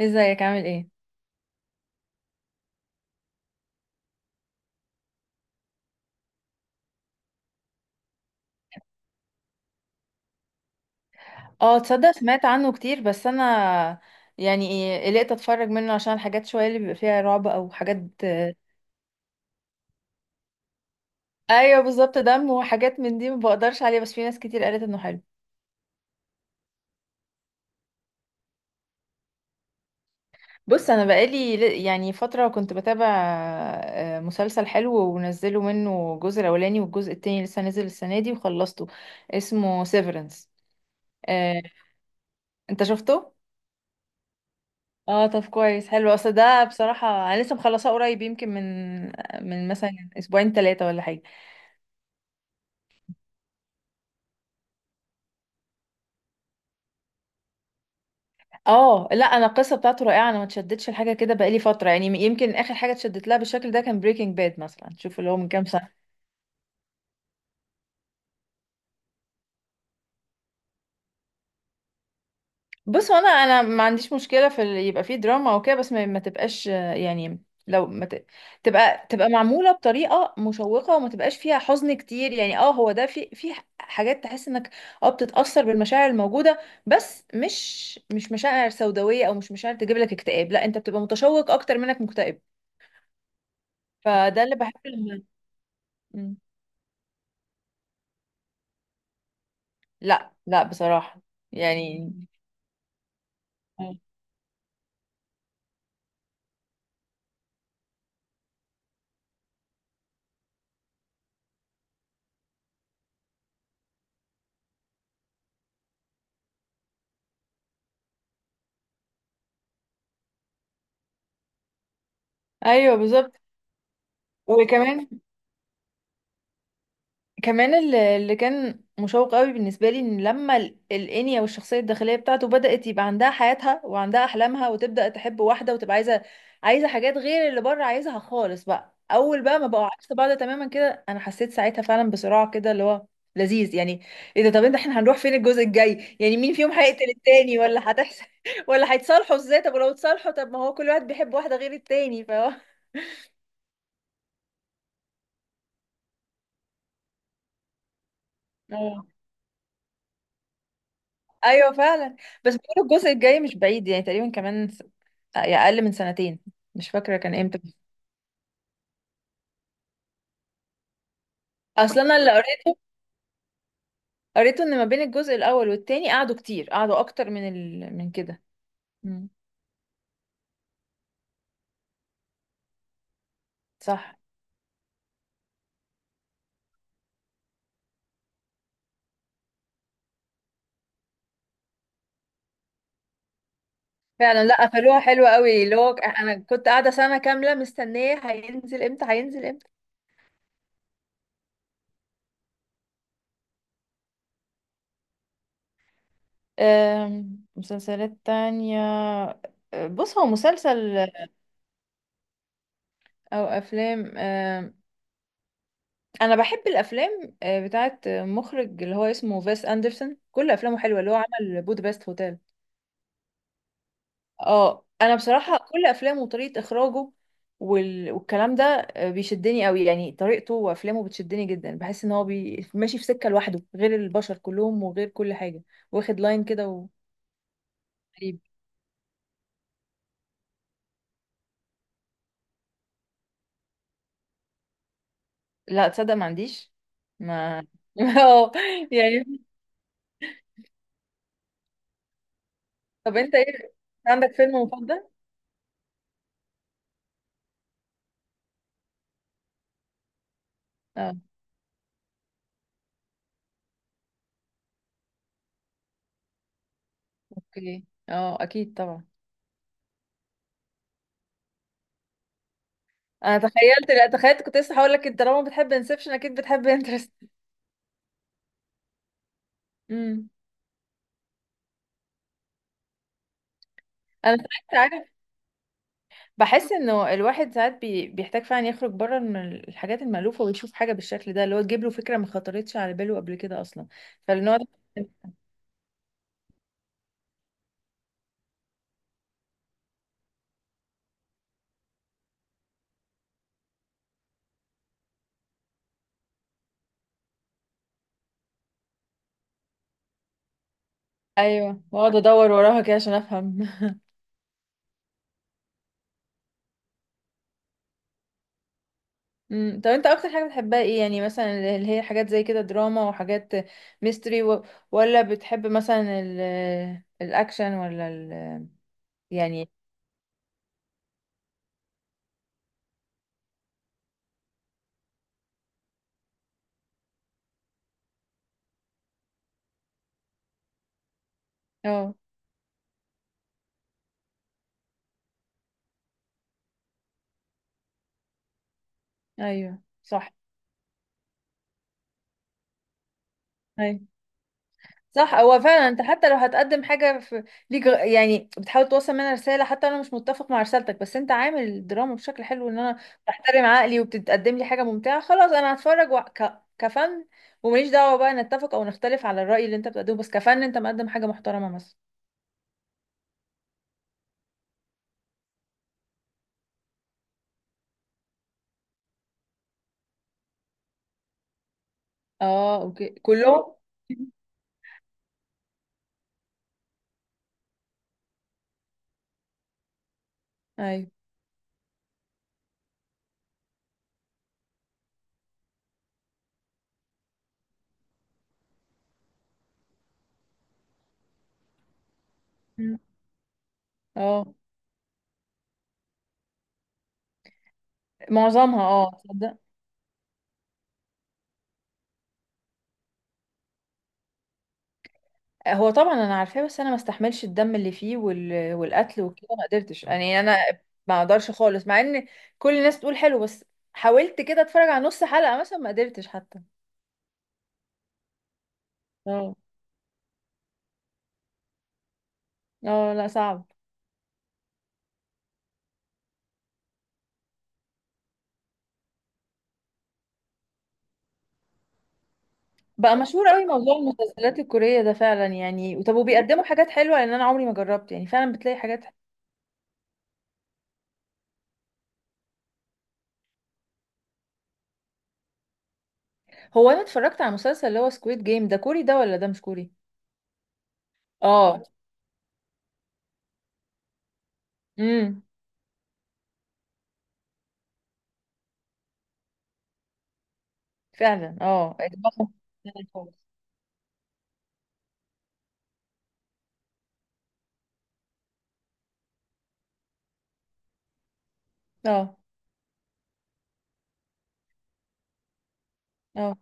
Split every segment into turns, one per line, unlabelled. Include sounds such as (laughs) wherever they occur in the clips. ازيك؟ عامل ايه؟ اه تصدق سمعت عنه كتير، بس انا يعني ايه قلقت اتفرج منه عشان الحاجات شويه اللي بيبقى فيها رعب او حاجات. ايوه بالظبط، دم وحاجات من دي ما بقدرش عليها، بس في ناس كتير قالت انه حلو. بص، انا بقالي يعني فتره كنت بتابع مسلسل حلو، ونزلوا منه الجزء الاولاني، والجزء التاني لسه نازل السنه دي، وخلصته. اسمه سيفرنس. انت شفته؟ اه طب كويس. حلو اصل ده بصراحة. انا لسه مخلصاه قريب، يمكن من مثلا اسبوعين ثلاثة ولا حاجة. اه لا، انا القصة بتاعته رائعة، انا ما اتشدتش لحاجة كده بقالي فترة، يعني يمكن اخر حاجة اتشدت لها بالشكل ده كان بريكنج باد مثلا، شوف، اللي هو من كام سنة. بص، هو انا ما عنديش مشكله في يبقى فيه دراما وكده، بس ما تبقاش يعني، لو ما ت... تبقى معموله بطريقه مشوقه وما تبقاش فيها حزن كتير. يعني هو ده، في حاجات تحس انك اه بتتاثر بالمشاعر الموجوده، بس مش مشاعر سوداويه، او مش مشاعر تجيب لك اكتئاب، لا، انت بتبقى متشوق اكتر منك مكتئب. فده اللي بحب لما. مم. لا لا، بصراحه يعني. ايوه بالظبط. وكمان، اللي كان مشوق قوي بالنسبه لي، ان لما الانيا والشخصيه الداخليه بتاعته بدات يبقى عندها حياتها وعندها احلامها، وتبدا تحب واحده، وتبقى عايزه حاجات غير اللي بره عايزها خالص. بقى اول بقى ما بقوا عكس بعض تماما كده، انا حسيت ساعتها فعلا بصراع كده اللي هو لذيذ يعني. ايه ده؟ طب انت، احنا هنروح فين الجزء الجاي؟ يعني مين فيهم هيقتل التاني، ولا هتحصل، (laughs) ولا هيتصالحوا ازاي؟ طب ولو اتصالحوا، طب ما هو كل واحد بيحب واحده غير التاني، فهو. ايوه فعلا. بس بيقولوا الجزء الجاي مش بعيد، يعني تقريبا كمان يعني اقل من سنتين، مش فاكره كان امتى. اصلا انا اللي قريته، ان ما بين الجزء الاول والتاني قعدوا كتير، قعدوا اكتر من كده. مم. صح. فعلا، لا، قفلوها حلوه قوي، اللي هو انا كنت قاعده سنه كامله مستنيه هينزل امتى، هينزل امتى. مسلسلات تانية. بص، هو مسلسل او افلام. انا بحب الافلام بتاعت مخرج اللي هو اسمه فيس اندرسون، كل افلامه حلوه، اللي هو عمل بودابست هوتيل. اه انا بصراحه كل افلامه وطريقه اخراجه والكلام ده بيشدني قوي، يعني طريقته وافلامه بتشدني جدا، بحس ان هو ماشي في سكه لوحده غير البشر كلهم وغير كل حاجه، واخد لاين كده غريب. لا تصدق، ما عنديش. ما. (laughs) اه يعني. طب انت ايه؟ عندك فيلم مفضل؟ اه اوكي، اكيد طبعا. انا تخيلت، لا، تخيلت، كنت لسه هقول لك انت طالما بتحب انسبشن اكيد بتحب انترست. امم. انا ساعات عارف، بحس انه الواحد ساعات بيحتاج فعلا يخرج بره من الحاجات المألوفة، ويشوف حاجة بالشكل ده اللي هو تجيب له فكرة ما خطرتش على باله قبل كده اصلا. فالنوع ده. (laughs) ايوه، واقعد ادور وراها كده عشان افهم. (laughs) امم. طب انت اكتر حاجة بتحبها ايه؟ يعني مثلا، اللي هي حاجات زي كده دراما وحاجات، ميستري ولا بتحب مثلا الاكشن، ولا يعني. اه ايوه صح. أيوه. صح، هو فعلا انت حتى لو هتقدم حاجه في ليك يعني بتحاول توصل منها رساله، حتى انا مش متفق مع رسالتك، بس انت عامل الدراما بشكل حلو ان انا بحترم عقلي، وبتقدم لي حاجه ممتعه، خلاص انا هتفرج كفن، وماليش دعوه بقى نتفق او نختلف على الراي اللي انت بتقدمه، بس كفن انت مقدم حاجه محترمه مثلا. اه اوكي، كلهم. (laughs) ايوه. مم. اه معظمها. اه تصدق، هو طبعا انا عارفاه، بس انا ما استحملش الدم اللي فيه والقتل وكده، ما قدرتش يعني، انا ما اقدرش خالص، مع ان كل الناس تقول حلو، بس حاولت كده اتفرج على نص حلقة مثلا ما قدرتش حتى. اه. اه لا، صعب. بقى مشهور قوي موضوع المسلسلات الكورية ده فعلا، يعني طب وبيقدموا حاجات حلوة؟ لان انا عمري ما جربت، يعني فعلا بتلاقي حاجات. هو انا اتفرجت على مسلسل اللي هو سكويد جيم، ده كوري ده ولا ده مش كوري؟ اه. امم. فعلا اه. اه. اه.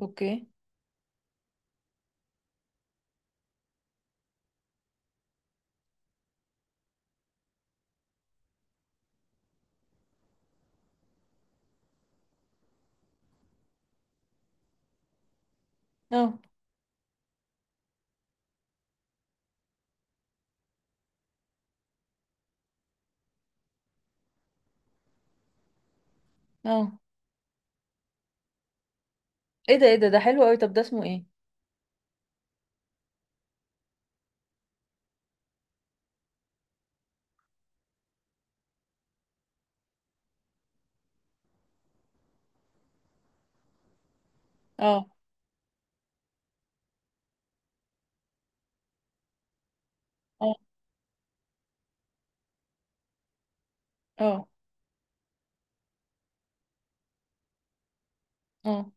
اوكي. اه. اه. ايه ده؟ ايه ده؟ ده حلو قوي، طب ده اسمه ايه؟ اه. اه. اه. اه.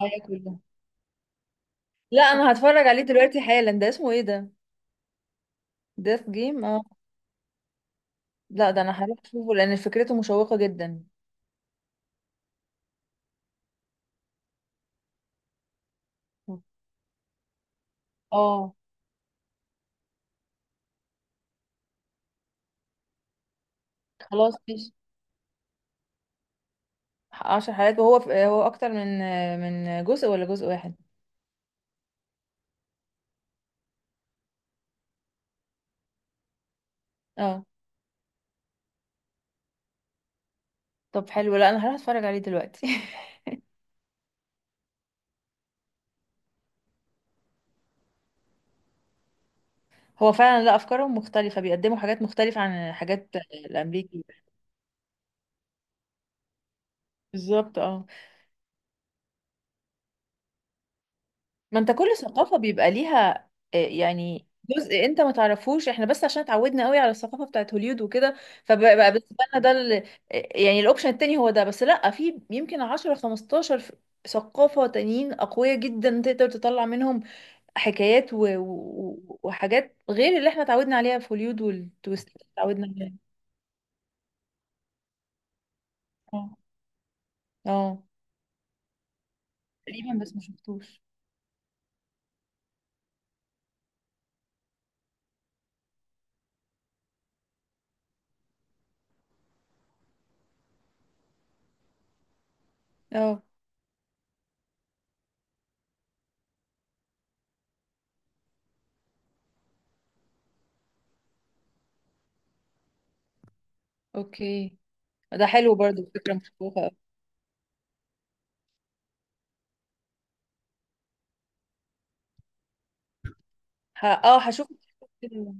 هياكل ده؟ لا انا هتفرج عليه دلوقتي حالا، ده اسمه ايه ده؟ ديث جيم. اه. لا ده انا هروح اشوفه لان فكرته مشوقة جدا. اه. خلاص ماشي. عشر حلقات، وهو في، هو اكتر من جزء ولا جزء واحد؟ اه. طب حلو، لا انا هروح اتفرج عليه دلوقتي. (laughs) هو فعلا، لا، افكارهم مختلفة، بيقدموا حاجات مختلفة عن الحاجات الامريكي. بالظبط اه. ما انت كل ثقافة بيبقى ليها يعني جزء انت ما تعرفوش، احنا بس عشان اتعودنا قوي على الثقافة بتاعت هوليود وكده. فبقى بالنسبة لنا ده آه، يعني الاوبشن التاني هو ده، بس لا، في يمكن 10 15 ثقافة تانيين أقوياء جدا تقدر تطلع منهم حكايات وحاجات غير اللي احنا اتعودنا عليها في هوليود، والتويست اللي اتعودنا عليها. اه. اه تقريبا، بس ما شفتوش. اه اوكي. ده حلو برضو، فكرة مشوقة. ه... اه هشوف كده.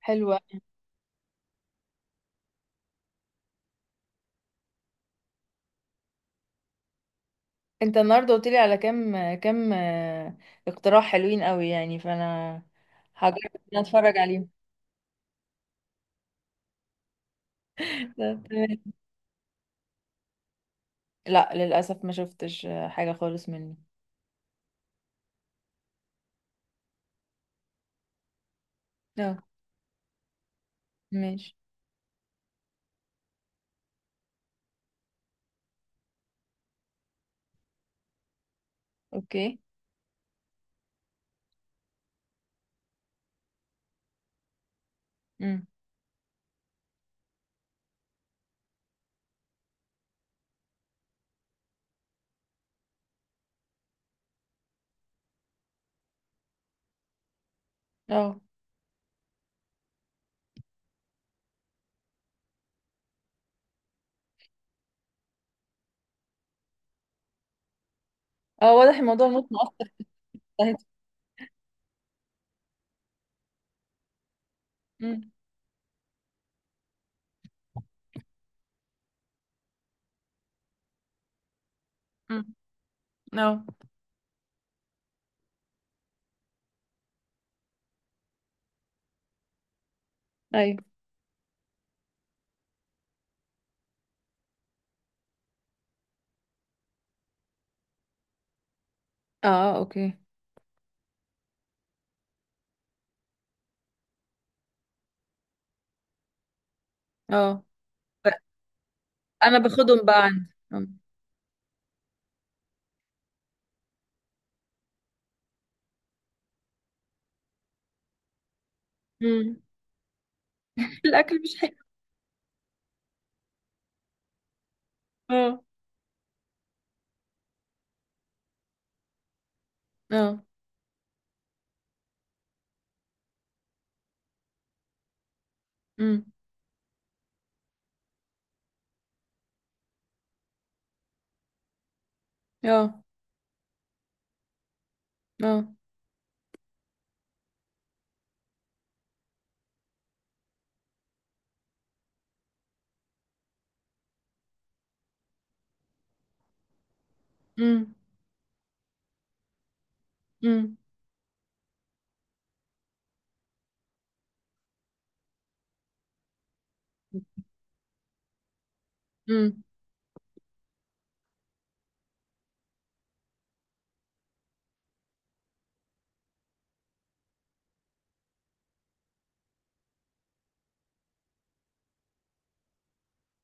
حلوة. انت النهارده قلت لي على كام اقتراح حلوين قوي يعني، فانا هجرب ان أنا اتفرج عليهم. تمام. لا للاسف ما شفتش حاجه خالص مني. اه. ماشي. اوكي. امم. اه. اه. واضح، الموضوع نط اصلا. امم. امم. اه. ايوه. اه اوكي. اه ب- انا باخدهم بقى عندي. امم. (laughs) الاكل مش حلو. اه. اه. امم. اه. اه. امم. امم. امم.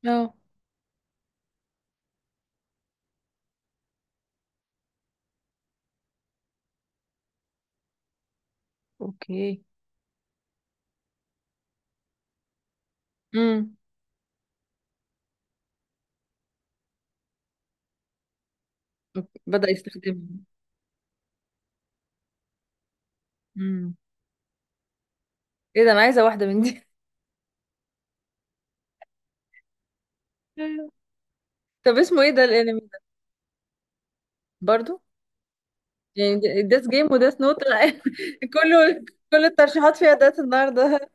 اه اوكي. امم. بدأ يستخدمها. امم. ايه ده؟ انا عايزة واحدة من دي. (laughs) طب اسمه ايه ده الانمي ده؟ برضو؟ يعني ديس جيم وديس نوت. (laughs) كله، كل الترشيحات فيها دات النهارده.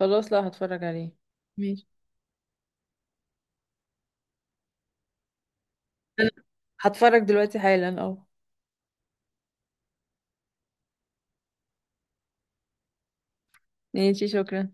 خلاص، لا، هتفرج عليه. ماشي. انا هتفرج دلوقتي حالا. اه، ماشي، شكرا.